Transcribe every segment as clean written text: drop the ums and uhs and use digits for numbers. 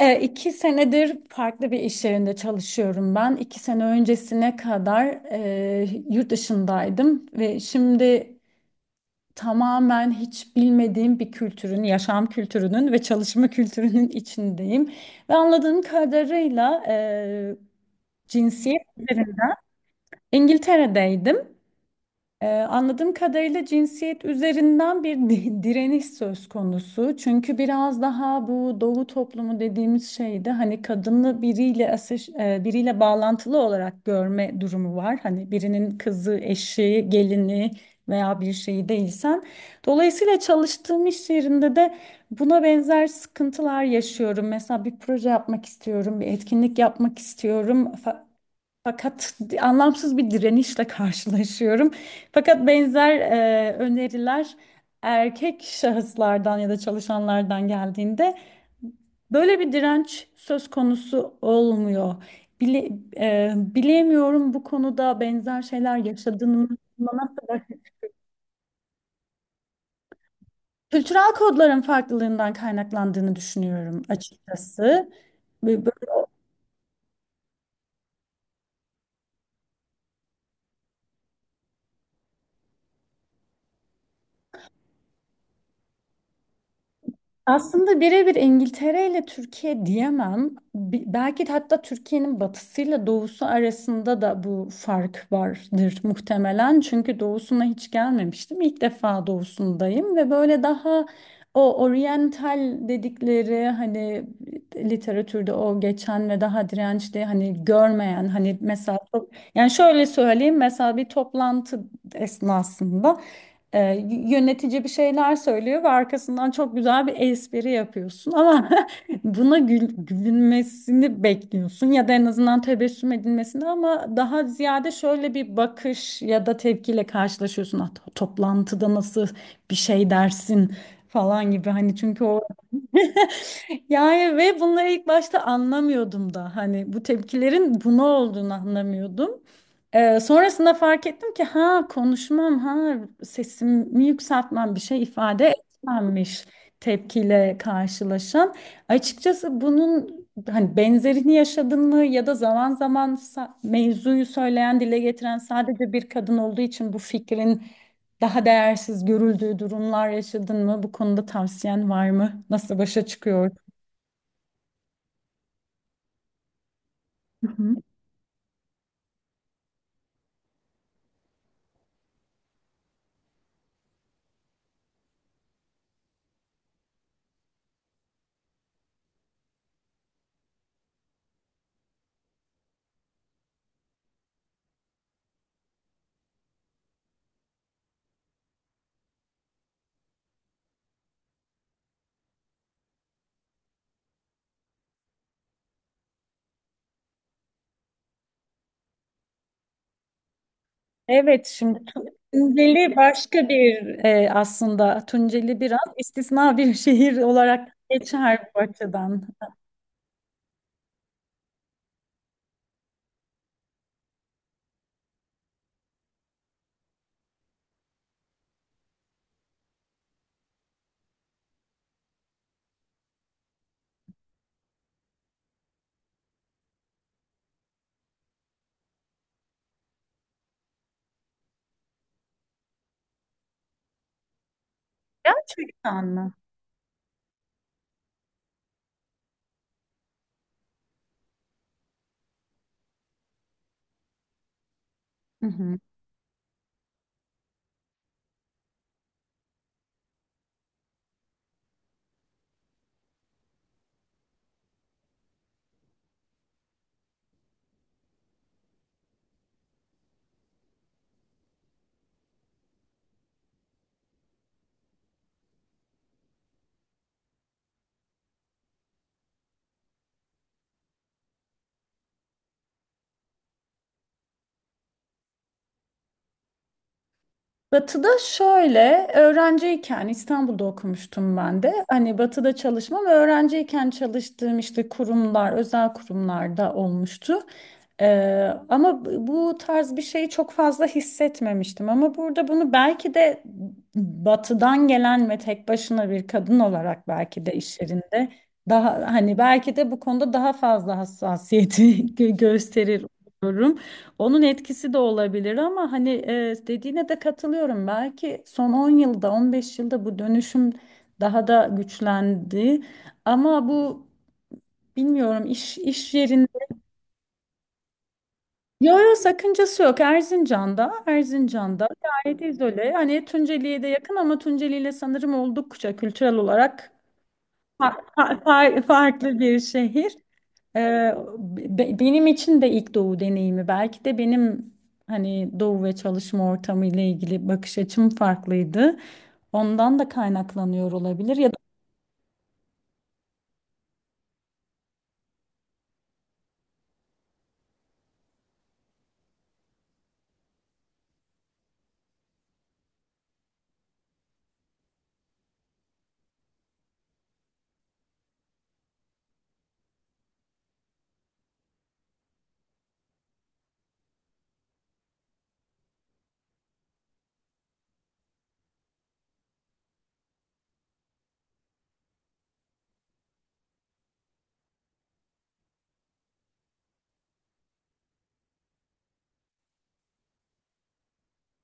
İki senedir farklı bir iş yerinde çalışıyorum ben. İki sene öncesine kadar yurt dışındaydım ve şimdi tamamen hiç bilmediğim bir kültürün, yaşam kültürünün ve çalışma kültürünün içindeyim. Ve anladığım kadarıyla cinsiyet üzerine İngiltere'deydim. Anladığım kadarıyla cinsiyet üzerinden direniş söz konusu. Çünkü biraz daha bu doğu toplumu dediğimiz şeyde hani kadını biriyle bağlantılı olarak görme durumu var. Hani birinin kızı, eşi, gelini veya bir şeyi değilsen. Dolayısıyla çalıştığım iş yerinde de buna benzer sıkıntılar yaşıyorum. Mesela bir proje yapmak istiyorum, bir etkinlik yapmak istiyorum. Fakat anlamsız bir direnişle karşılaşıyorum. Fakat benzer öneriler erkek şahıslardan ya da çalışanlardan geldiğinde böyle bir direnç söz konusu olmuyor. Bile, bilemiyorum bu konuda benzer şeyler yaşadığını bana kadar. Kültürel kodların farklılığından kaynaklandığını düşünüyorum açıkçası. Ve böyle aslında birebir İngiltere ile Türkiye diyemem. Belki de hatta Türkiye'nin batısıyla doğusu arasında da bu fark vardır muhtemelen. Çünkü doğusuna hiç gelmemiştim. İlk defa doğusundayım ve böyle daha o oryantal dedikleri hani literatürde o geçen ve daha dirençli hani görmeyen hani mesela, yani şöyle söyleyeyim, mesela bir toplantı esnasında e, yönetici bir şeyler söylüyor ve arkasından çok güzel bir espri yapıyorsun ama buna gülünmesini bekliyorsun ya da en azından tebessüm edilmesini, ama daha ziyade şöyle bir bakış ya da tepkiyle karşılaşıyorsun. "Ah, toplantıda nasıl bir şey dersin" falan gibi, hani çünkü o yani. Ve bunları ilk başta anlamıyordum da, hani bu tepkilerin buna olduğunu anlamıyordum. Sonrasında fark ettim ki ha konuşmam ha sesimi yükseltmem bir şey ifade etmemiş, tepkiyle karşılaşan. Açıkçası bunun hani benzerini yaşadın mı ya da zaman zaman mevzuyu söyleyen, dile getiren sadece bir kadın olduğu için bu fikrin daha değersiz görüldüğü durumlar yaşadın mı? Bu konuda tavsiyen var mı? Nasıl başa çıkıyor? Evet şimdi Tunceli başka bir aslında Tunceli biraz istisna bir şehir olarak geçer bu açıdan. Gerçekten mi? Hı hı. Batı'da şöyle, öğrenciyken İstanbul'da okumuştum ben de. Hani Batı'da çalışmam, öğrenciyken çalıştığım işte kurumlar, özel kurumlarda olmuştu. Ee, Ama bu tarz bir şeyi çok fazla hissetmemiştim. Ama burada bunu belki de Batı'dan gelen ve tek başına bir kadın olarak belki de iş yerinde daha, hani belki de bu konuda daha fazla hassasiyeti gösterir, onun etkisi de olabilir ama hani dediğine de katılıyorum. Belki son 10 yılda, 15 yılda bu dönüşüm daha da güçlendi. Ama bu bilmiyorum iş yerinde. Yo yo sakıncası yok. Erzincan'da, Erzincan'da gayet izole. Hani Tunceli'ye de yakın ama Tunceli'yle sanırım oldukça kültürel olarak farklı bir şehir. Ee, Benim için de ilk doğu deneyimi, belki de benim hani doğu ve çalışma ortamı ile ilgili bakış açım farklıydı. Ondan da kaynaklanıyor olabilir ya.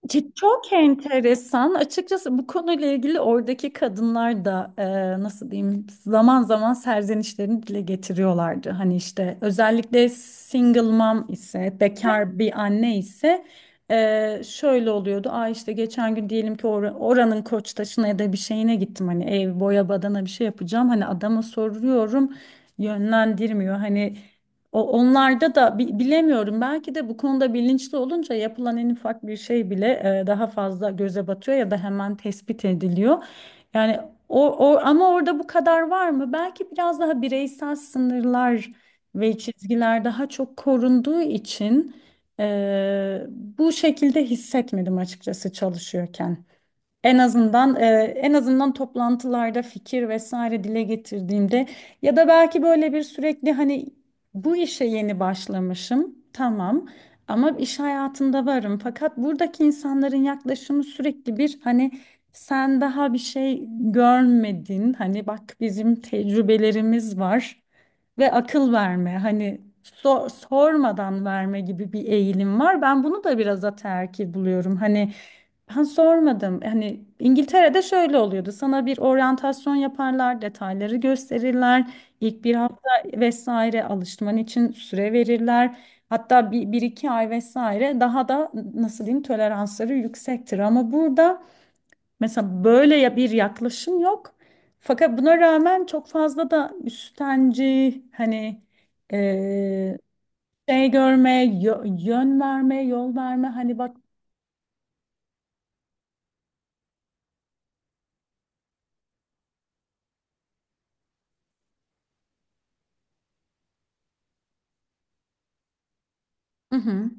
Çok enteresan. Açıkçası bu konuyla ilgili oradaki kadınlar da nasıl diyeyim zaman zaman serzenişlerini dile getiriyorlardı. Hani işte özellikle single mom ise, bekar bir anne ise, şöyle oluyordu. Aa işte geçen gün, diyelim ki, oranın Koçtaşı'na ya da bir şeyine gittim. Hani ev boya badana bir şey yapacağım. Hani adama soruyorum, yönlendirmiyor. Hani o, onlarda da bilemiyorum. Belki de bu konuda bilinçli olunca yapılan en ufak bir şey bile daha fazla göze batıyor ya da hemen tespit ediliyor. Yani o, o ama orada bu kadar var mı? Belki biraz daha bireysel sınırlar ve çizgiler daha çok korunduğu için e, bu şekilde hissetmedim açıkçası çalışıyorken. En azından e, En azından toplantılarda fikir vesaire dile getirdiğimde ya da belki böyle bir sürekli, hani bu işe yeni başlamışım tamam ama iş hayatında varım, fakat buradaki insanların yaklaşımı sürekli bir hani sen daha bir şey görmedin, hani bak bizim tecrübelerimiz var ve akıl verme, hani sormadan verme gibi bir eğilim var. Ben bunu da biraz ataerkil buluyorum, hani ben sormadım. Hani İngiltere'de şöyle oluyordu. Sana bir oryantasyon yaparlar, detayları gösterirler. İlk bir hafta vesaire alışman için süre verirler. Hatta bir iki ay vesaire daha da, nasıl diyeyim, toleransları yüksektir. Ama burada mesela böyle ya bir yaklaşım yok. Fakat buna rağmen çok fazla da üstenci, hani eee, şey görme, yön verme, yol verme, hani bak. Hı hı.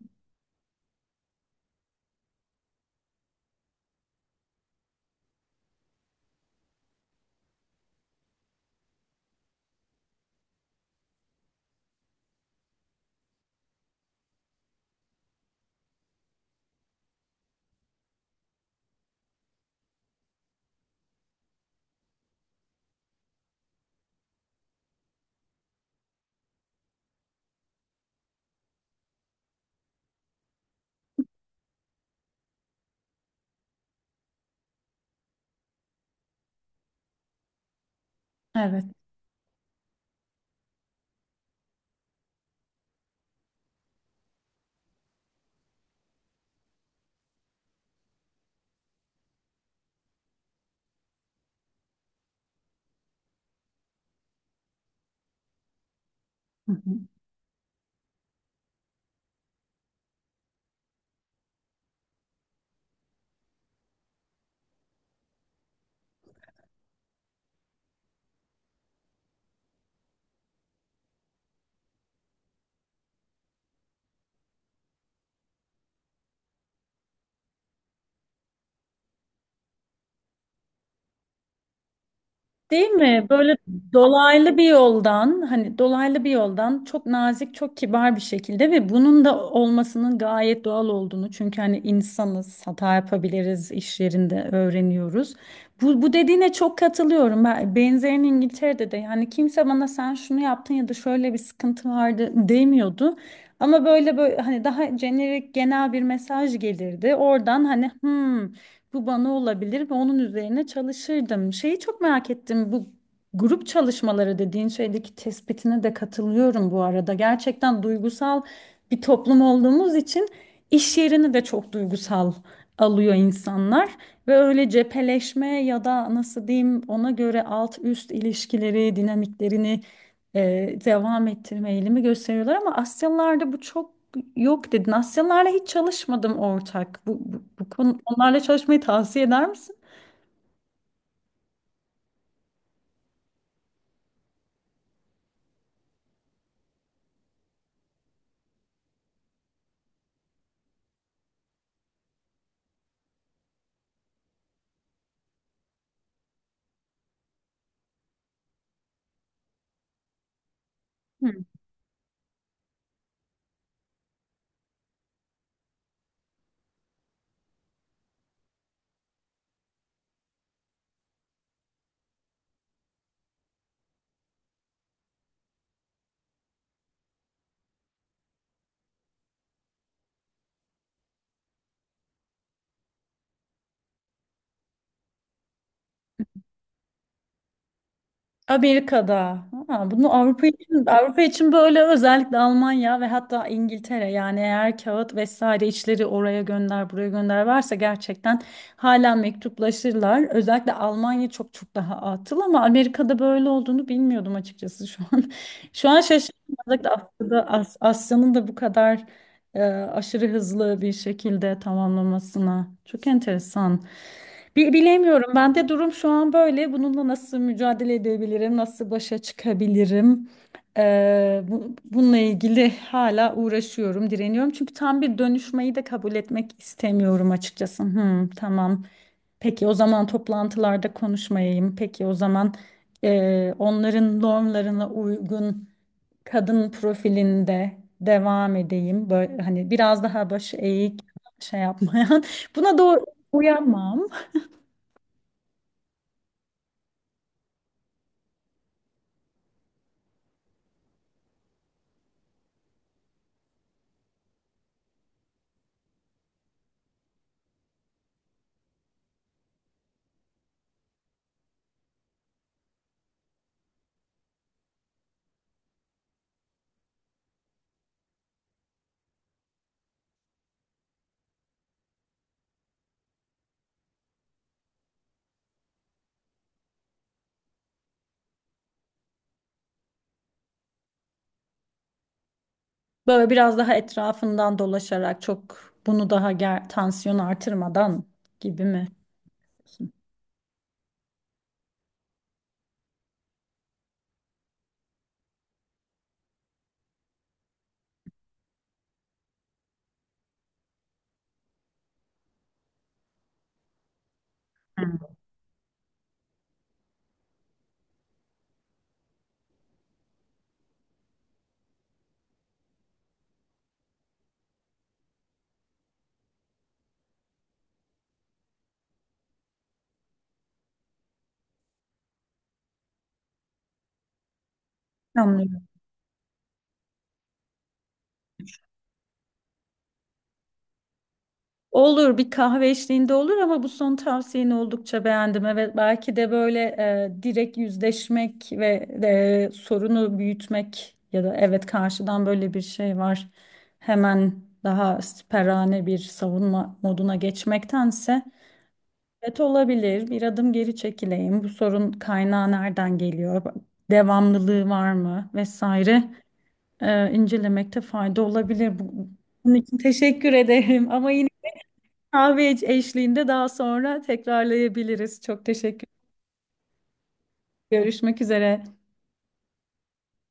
Evet. Hı hı. Değil mi? Böyle dolaylı bir yoldan, hani dolaylı bir yoldan çok nazik, çok kibar bir şekilde, ve bunun da olmasının gayet doğal olduğunu. Çünkü hani insanız, hata yapabiliriz, iş yerinde öğreniyoruz. Bu dediğine çok katılıyorum. Ben, benzerini İngiltere'de de, yani kimse bana sen şunu yaptın ya da şöyle bir sıkıntı vardı demiyordu. Ama böyle böyle hani daha jenerik, genel bir mesaj gelirdi. Oradan hani "Hmm, bu bana olabilir" ve onun üzerine çalışırdım. Şeyi çok merak ettim. Bu grup çalışmaları dediğin şeydeki tespitine de katılıyorum bu arada. Gerçekten duygusal bir toplum olduğumuz için iş yerini de çok duygusal alıyor insanlar ve öyle cepheleşme ya da nasıl diyeyim, ona göre alt üst ilişkileri, dinamiklerini devam ettirme eğilimi gösteriyorlar, ama Asyalılarda bu çok yok dedin. Asyalılarla hiç çalışmadım ortak. Bu konu, onlarla çalışmayı tavsiye eder misin? Amerika'da. Ha, bunu Avrupa için böyle, özellikle Almanya ve hatta İngiltere, yani eğer kağıt vesaire işleri oraya gönder buraya gönder varsa gerçekten hala mektuplaşırlar. Özellikle Almanya çok çok daha atıl, ama Amerika'da böyle olduğunu bilmiyordum açıkçası şu an. Şu an şaşırdım. Özellikle Afrika'da, Asya'nın da bu kadar e, aşırı hızlı bir şekilde tamamlamasına. Çok enteresan. Bilemiyorum. Ben de durum şu an böyle. Bununla nasıl mücadele edebilirim? Nasıl başa çıkabilirim? Bununla ilgili hala uğraşıyorum, direniyorum. Çünkü tam bir dönüşmeyi de kabul etmek istemiyorum açıkçası. Hmm, tamam. Peki o zaman toplantılarda konuşmayayım. Peki o zaman onların normlarına uygun kadın profilinde devam edeyim. Böyle hani biraz daha başı eğik, şey yapmayan. Buna doğru uyanmam. Böyle biraz daha etrafından dolaşarak, çok bunu daha tansiyonu artırmadan gibi mi? Hı. Anlıyorum. Olur, bir kahve eşliğinde olur. Ama bu son tavsiyeni oldukça beğendim. Evet belki de böyle direkt yüzleşmek ve sorunu büyütmek ya da evet karşıdan böyle bir şey var. Hemen daha siperhane bir savunma moduna geçmektense, evet olabilir, bir adım geri çekileyim. Bu sorun kaynağı nereden geliyor? Devamlılığı var mı vesaire, incelemekte fayda olabilir. Bunun için teşekkür ederim ama yine kahve eşliğinde daha sonra tekrarlayabiliriz. Çok teşekkür. Görüşmek üzere.